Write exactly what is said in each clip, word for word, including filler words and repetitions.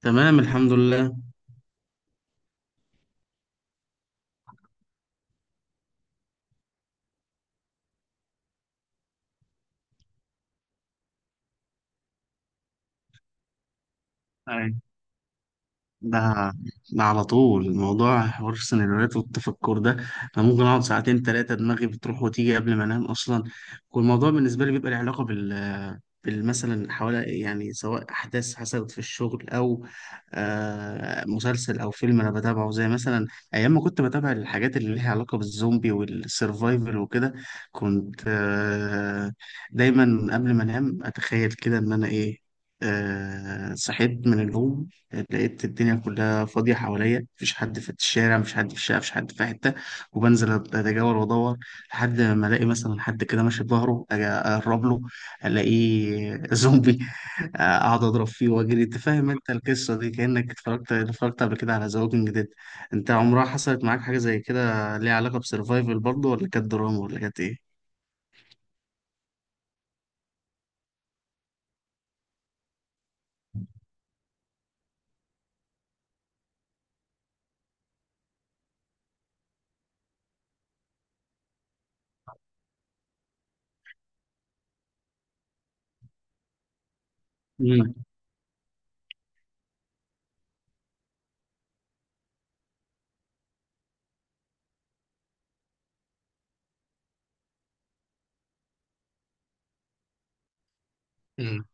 تمام الحمد لله. أي. ده ده على طول الموضوع حوار السيناريوهات والتفكر ده. انا ممكن اقعد ساعتين ثلاثه، دماغي بتروح وتيجي قبل ما انام اصلا. والموضوع بالنسبه لي بيبقى له علاقه بال بالمثلا حوالي، يعني سواء احداث حصلت في الشغل او آه مسلسل او فيلم انا بتابعه. زي مثلا ايام ما كنت بتابع الحاجات اللي ليها علاقه بالزومبي والسرفايفل وكده، كنت آه دايما قبل ما انام اتخيل كده ان انا ايه، آه صحيت من النوم، لقيت الدنيا كلها فاضية حواليا، مفيش حد في الشارع، مفيش حد في الشقة، مفيش حد في حتة، وبنزل أتجول وأدور لحد ما ألاقي مثلا حد كده ماشي بظهره، أجي أقرب له ألاقيه زومبي أقعد أضرب فيه وأجري. أنت فاهم أنت القصة دي، كأنك اتفرجت اتفرجت قبل كده على ذا ووكينج ديد. أنت عمرها حصلت معاك حاجة زي كده ليها علاقة بسرفايفل برضه، ولا كانت دراما ولا كانت إيه؟ مم. مم.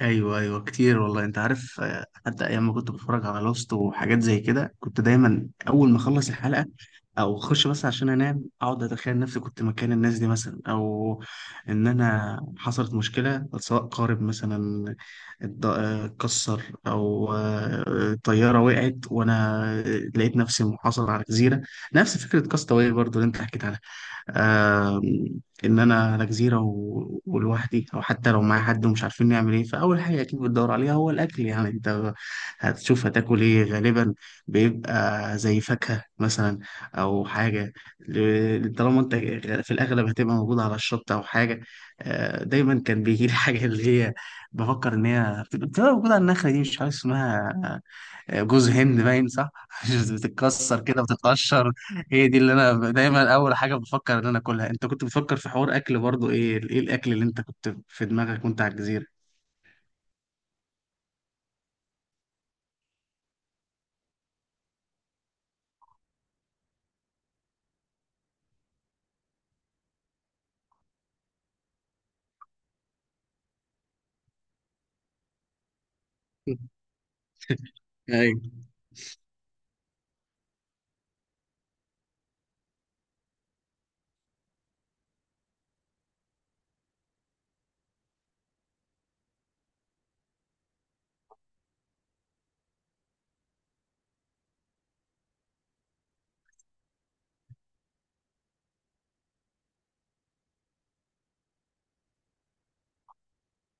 ايوه ايوه كتير والله، انت عارف، آه، حتى ايام ما كنت بتفرج على لوست وحاجات زي كده، كنت دايما اول ما اخلص الحلقه او اخش بس عشان انام، اقعد اتخيل نفسي كنت مكان الناس دي مثلا، او ان انا حصلت مشكله سواء قارب مثلا اتض- آه، اتكسر او آه، طياره وقعت وانا لقيت نفسي محاصر على جزيره، نفس فكره كاستاوي برضو اللي انت حكيت عنها. ان انا على جزيره و... ولوحدي، او حتى لو معايا حد ومش عارفين نعمل ايه، فاول حاجه اكيد بتدور عليها هو الاكل. يعني انت هتشوف هتاكل ايه غالبا، بيبقى زي فاكهه مثلا او حاجه، ل- طالما انت في الاغلب هتبقى موجود على الشط او حاجه. آه، دايما كان بيجي لي حاجه اللي هي بفكر ان هي بتبقى موجوده على النخله دي، مش عارف اسمها، جوز هند باين صح بتتكسر كده بتتقشر. هي دي اللي انا دايما اول حاجه بفكر ان انا اكلها. انت كنت بتفكر في حوار اكل برضو؟ ايه ايه الاكل اللي انت كنت في دماغك وانت على الجزيره؟ ايوه.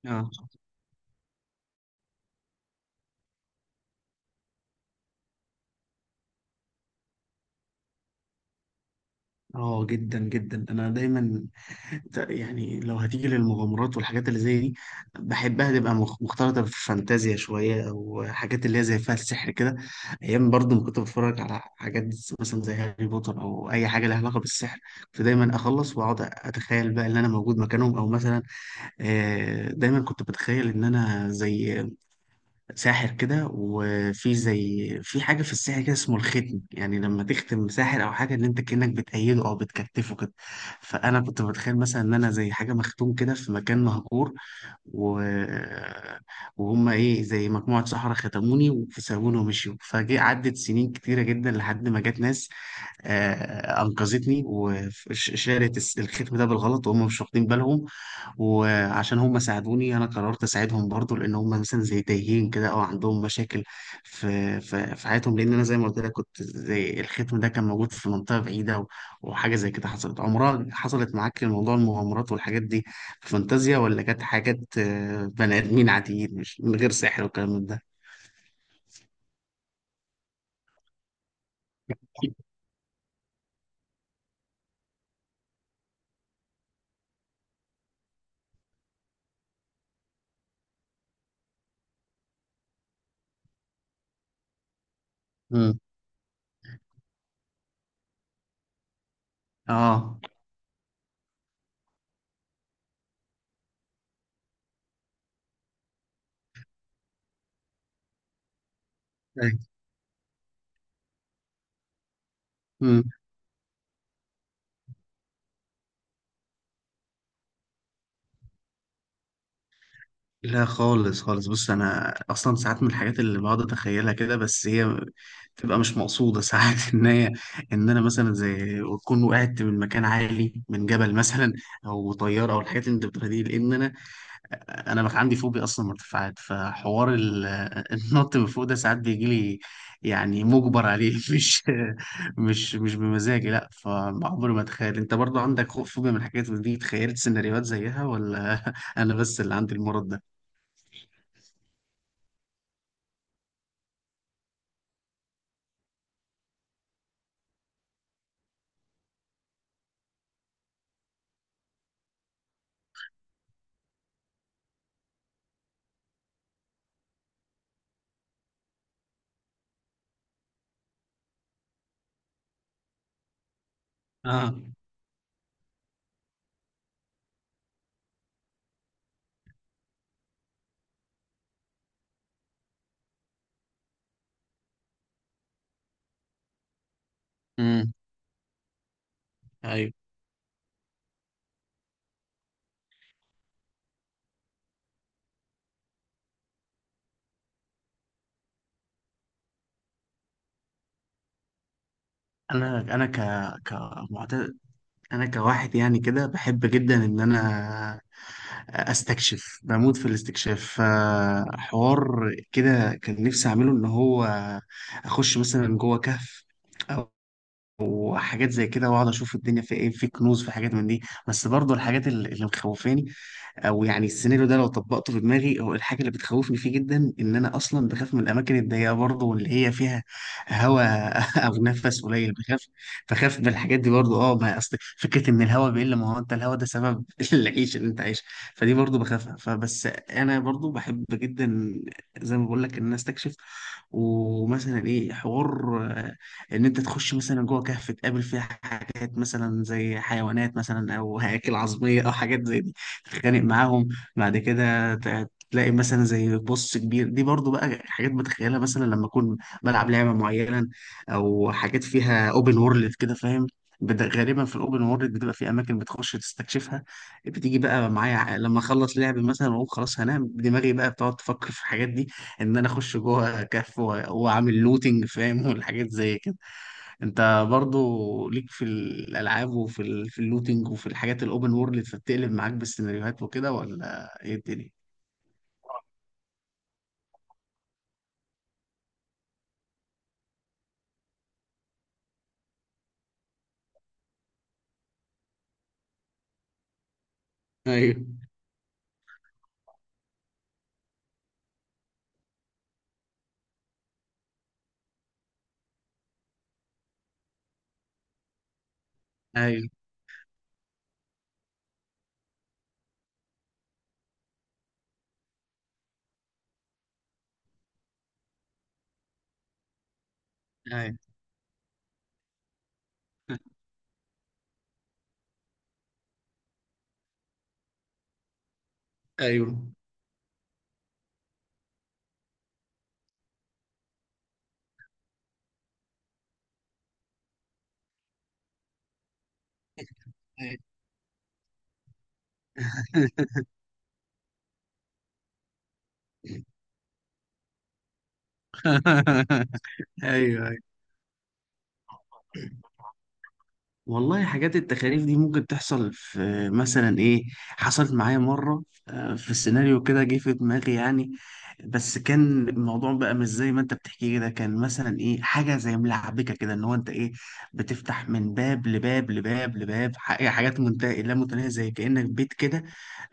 اه، اه جدا جدا. انا دايما ت- يعني لو هتيجي للمغامرات والحاجات اللي زي دي، بحبها تبقى مخ- مختلطه بالفانتازيا شويه، او حاجات اللي هي زي فيها السحر كده. ايام برضه ما كنت بتفرج على حاجات مثلا زي هاري بوتر او اي حاجه لها علاقه بالسحر، كنت دايما اخلص واقعد اتخيل بقى ان انا موجود مكانهم، او مثلا آه، دايما كنت بتخيل ان انا زي ساحر كده، وفي زي في حاجة في السحر كده اسمه الختم، يعني لما تختم ساحر أو حاجة، إن أنت كأنك بتأيده أو بتكتفه كده. فأنا كنت بتخيل مثلا إن أنا زي حاجة مختوم كده في مكان مهجور، و... وهم إيه زي مجموعة سحرة ختموني وسابوني ومشيوا، فجي عدت سنين كتيرة جدا لحد ما جت ناس آه، أنقذتني وشالت الس- الختم ده بالغلط وهم مش واخدين بالهم. وعشان هم ساعدوني انا قررت اساعدهم برضو، لان هم مثلا زي تايهين كده او عندهم مشاكل في في في حياتهم، لان انا زي ما قلت لك كنت زي الختم ده كان موجود في منطقه بعيده، و- وحاجه زي كده. حصلت عمرها حصلت معاك موضوع المغامرات والحاجات دي في فانتازيا، ولا كانت حاجات آه، بني ادمين عاديين مش من غير سحر والكلام من ده؟ امم. اه. أيوة. لا خالص خالص. بص انا اصلا ساعات من الحاجات اللي بقعد اتخيلها كده، بس هي تبقى مش مقصوده ساعات ان هي، ان انا مثلا زي اكون وقعت من مكان عالي من جبل مثلا، او طياره، او الحاجات اللي انت بتقولها دي، لان انا انا بقى عندي فوبيا اصلا مرتفعات، فحوار ال- النط من فوق ده ساعات بيجي لي يعني مجبر عليه مش مش مش بمزاجي لا. فعمري ما اتخيل. انت برضو عندك خوف فوبيا من الحاجات دي، تخيلت سيناريوهات زيها ولا انا بس اللي عندي المرض ده؟ اه. امم. ايوه. انا انا ك كمعتاد، انا كواحد يعني كده بحب جدا ان انا استكشف، بموت في الاستكشاف. فحوار كده كان نفسي اعمله، ان هو اخش مثلا جوه كهف او وحاجات زي كده واقعد اشوف الدنيا في ايه، في كنوز، في حاجات من دي. بس برضو الحاجات اللي اللي مخوفاني، او يعني السيناريو ده لو طبقته في دماغي، هو الحاجه اللي بتخوفني فيه جدا ان انا اصلا بخاف من الاماكن الضيقه برضه، واللي هي فيها هواء او نفس قليل، بخاف. بخاف من الحاجات دي برضه. اه، ما اصل فكره ان الهواء بيقل، ما هو انت الهواء ده سبب العيش اللي انت عايش. فدي برضه بخافها. فبس انا برضه بحب جدا زي ما بقول لك ان انا استكشف، ومثلا ايه حوار آه، ان انت تخش مثلا جوه كهف، تقابل فيها حاجات مثلا زي حيوانات مثلا، او هياكل عظميه، او حاجات زي دي تتخانق معاهم. بعد كده ت- تلاقي مثلا زي بص كبير. دي برضو بقى حاجات بتخيلها مثلا لما اكون بلعب لعبه معينه، او حاجات فيها اوبن وورلد كده فاهم، بد- غالبا في الاوبن وورلد بتبقى في اماكن بتخش تستكشفها، بتيجي بقى معايا ع- لما اخلص لعب مثلا واقول خلاص هنام، دماغي بقى بتقعد تفكر في الحاجات دي، ان انا اخش جوه كهف و- واعمل لوتنج فاهم، والحاجات زي كده. انت برضو ليك في الالعاب وفي ال... في اللوتينج وفي الحاجات الاوبن وورلد، فبتقلب معاك بالسيناريوهات وكده ولا ايه الدنيا؟ ايوه ايوه. ايوه ايوه. ايوه ايوه والله. حاجات التخاريف دي ممكن تحصل، في مثلا ايه حصلت معايا مرة آه، في السيناريو كده جه في دماغي يعني، بس كان الموضوع بقى مش زي ما انت بتحكي كده، كان مثلا ايه حاجة زي ملعبكة كده، ان هو انت ايه بتفتح من باب لباب لباب لباب ح- إيه، حاجات منتهية لا متناهية، زي كأنك بيت كده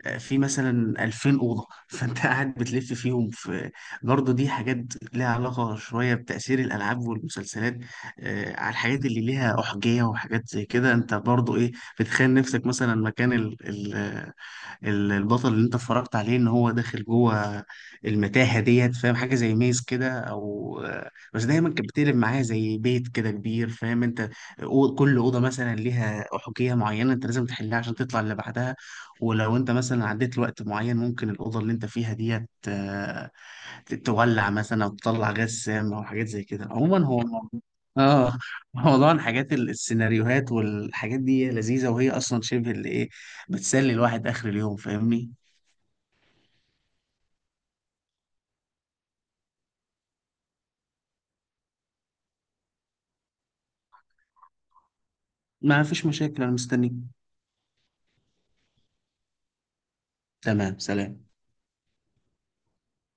آه، في مثلا ألفين أوضة فانت قاعد بتلف فيهم في. برضه دي حاجات ليها علاقة شوية بتأثير الألعاب والمسلسلات آه، على الحاجات اللي ليها أحجية وحاجات زي كده. انت برضو ايه بتخيل نفسك مثلا مكان ال ال ال- البطل اللي انت اتفرجت عليه ان هو داخل جوه المتاهة ديت فاهم، حاجة زي ميز كده، او آه، بس دايما كانت بتقلب معايا زي بيت كده كبير فاهم انت، أو- كل أوضة مثلا ليها أحجية معينة انت لازم تحلها عشان تطلع اللي بعدها، ولو انت مثلا عديت لوقت معين ممكن الأوضة اللي انت فيها ديت آه، تولع مثلا او تطلع غاز سام او حاجات زي كده. عموما هو اه موضوع الحاجات ال- السيناريوهات والحاجات دي لذيذة، وهي أصلا شبه اللي إيه بتسلي الواحد آخر اليوم، فاهمني؟ ما فيش مشاكل، أنا مستنيك. تمام، سلام.